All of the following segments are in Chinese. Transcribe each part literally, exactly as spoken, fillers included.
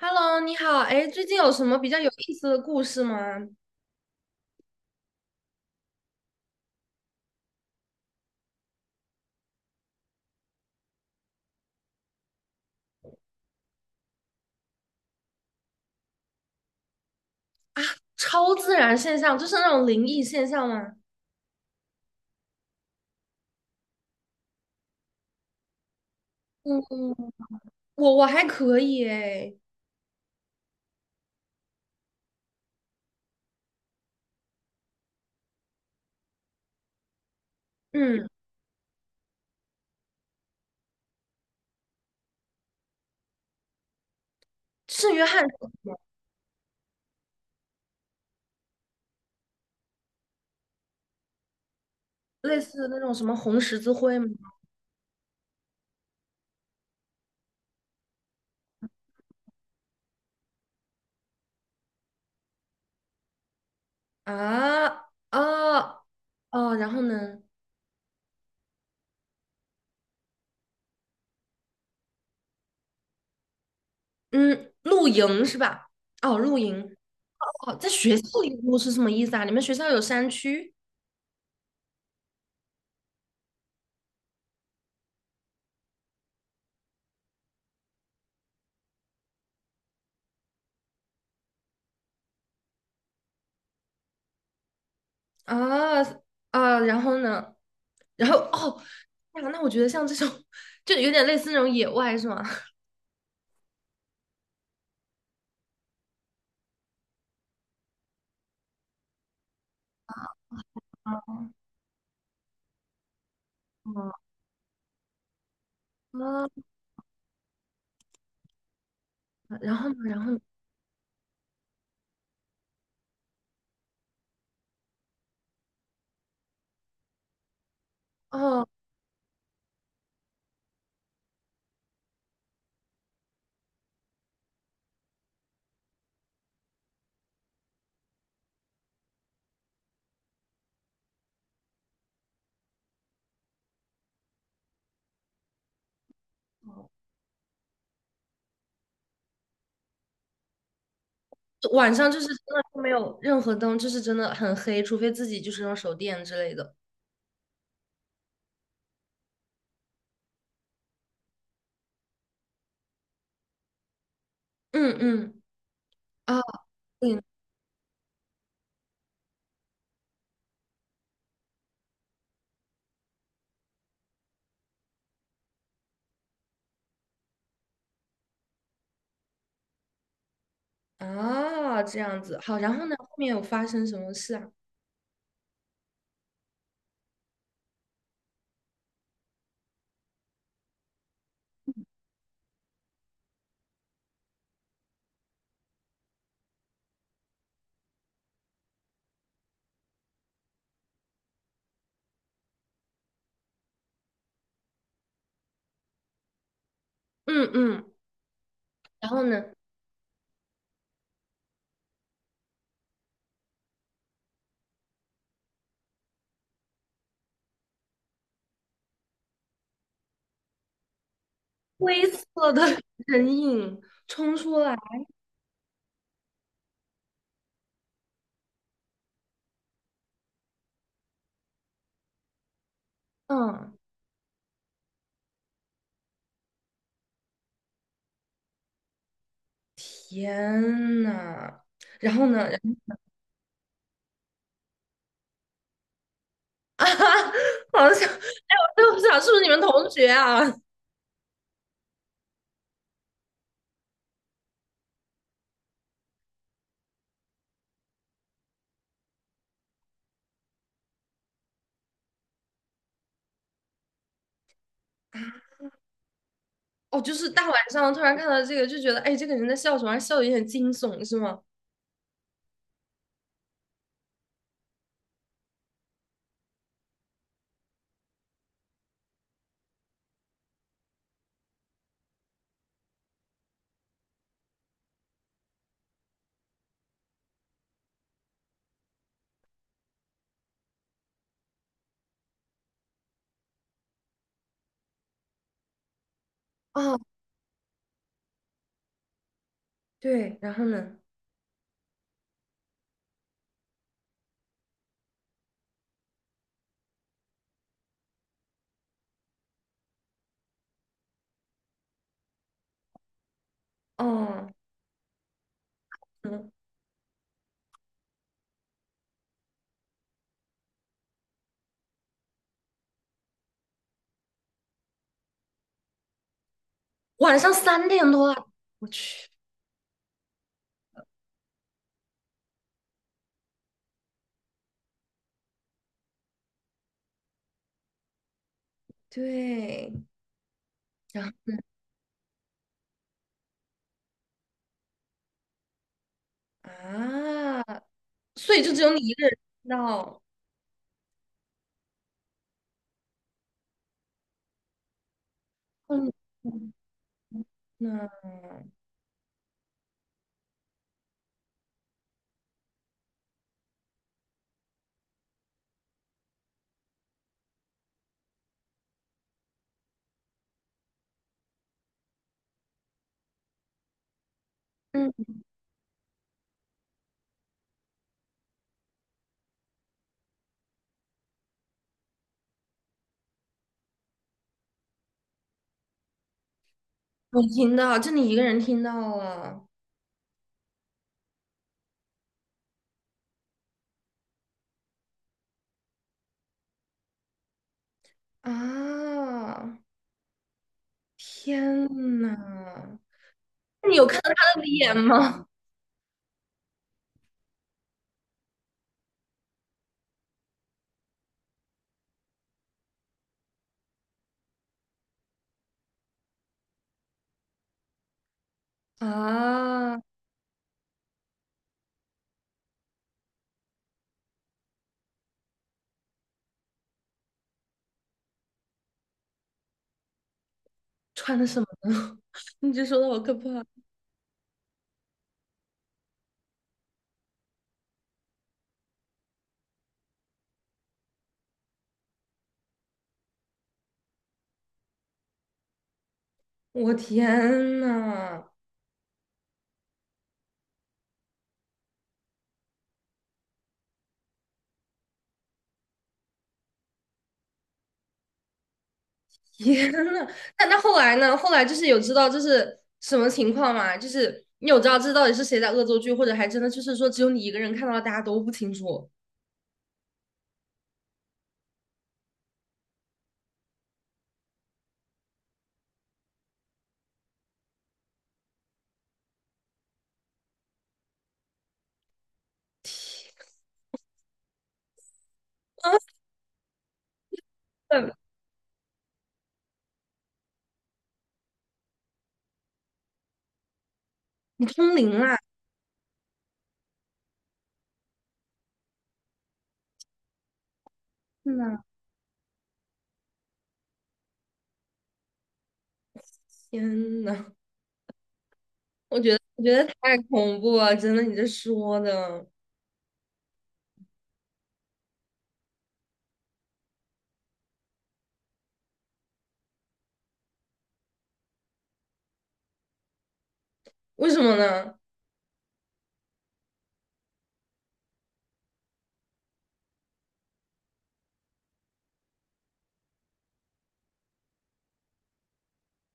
Hello,你好，哎，最近有什么比较有意思的故事吗？啊，超自然现象，就是那种灵异现象吗？嗯，我我还可以哎，嗯，圣约翰是什么？类似那种什么红十字会吗？啊啊，哦，然后呢？嗯，露营是吧？哦，露营，哦，在学校里露是什么意思啊？你们学校有山区？啊，啊，然后呢？然后哦，呀，那我觉得像这种就有点类似那种野外是吗？哦，啊，然后呢，然后呢？哦，晚上就是真的就没有任何灯，就是真的很黑，除非自己就是用手电之类的。嗯嗯，啊，对，啊，这样子好。然后呢，后面有发生什么事啊？嗯嗯，然后呢，灰色的 人影，冲出来，嗯，天呐，然后呢？啊，好像，哎，我就想是不是你们同学啊？哦，就是大晚上突然看到这个，就觉得，哎，这个人在笑什么？还笑的有点惊悚，是吗？哦，对，然后呢？哦，嗯，晚上三点多了，我去，对，然后，啊，所以就只有你一个人听到，嗯，那，嗯，我听到，就你一个人听到了。啊！天呐，那你有看到他的脸吗？啊，穿的什么？你这说的好可怕！我天呐，天呐！那那后来呢？后来就是有知道这是什么情况吗？就是你有知道这到底是谁在恶作剧，或者还真的就是说只有你一个人看到了，大家都不清楚？啊，你通灵啦！天呐，天呐，我觉得我觉得太恐怖了，真的，你这说的，为什么呢？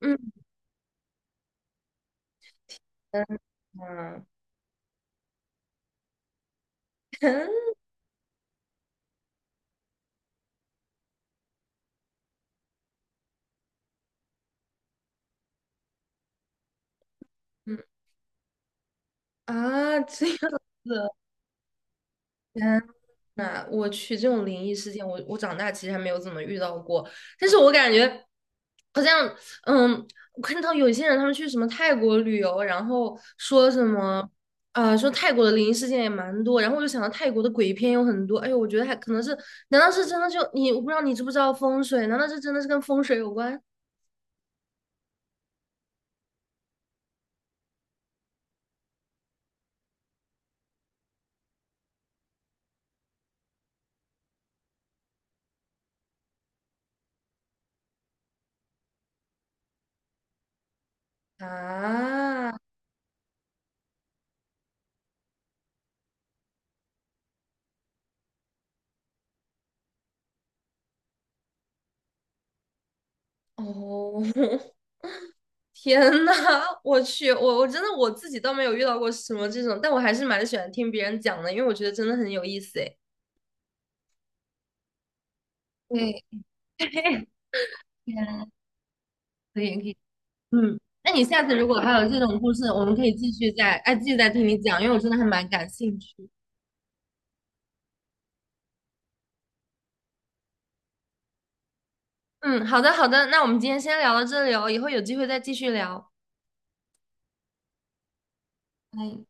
嗯啊，嗯啊，这样子。那我去这种灵异事件，我我长大其实还没有怎么遇到过，但是我感觉好像，嗯，我看到有些人他们去什么泰国旅游，然后说什么，啊，说泰国的灵异事件也蛮多，然后我就想到泰国的鬼片有很多，哎呦，我觉得还可能是，难道是真的就你，我不知道你知不知道风水，难道这真的是跟风水有关？啊？哦，天呐，我去，我我真的我自己倒没有遇到过什么这种，但我还是蛮喜欢听别人讲的，因为我觉得真的很有意思诶。对，嗯，可以可以，嗯，那你下次如果还有这种故事，我们可以继续再，哎，继续再听你讲，因为我真的还蛮感兴趣。嗯，好的好的，那我们今天先聊到这里哦，以后有机会再继续聊。哎。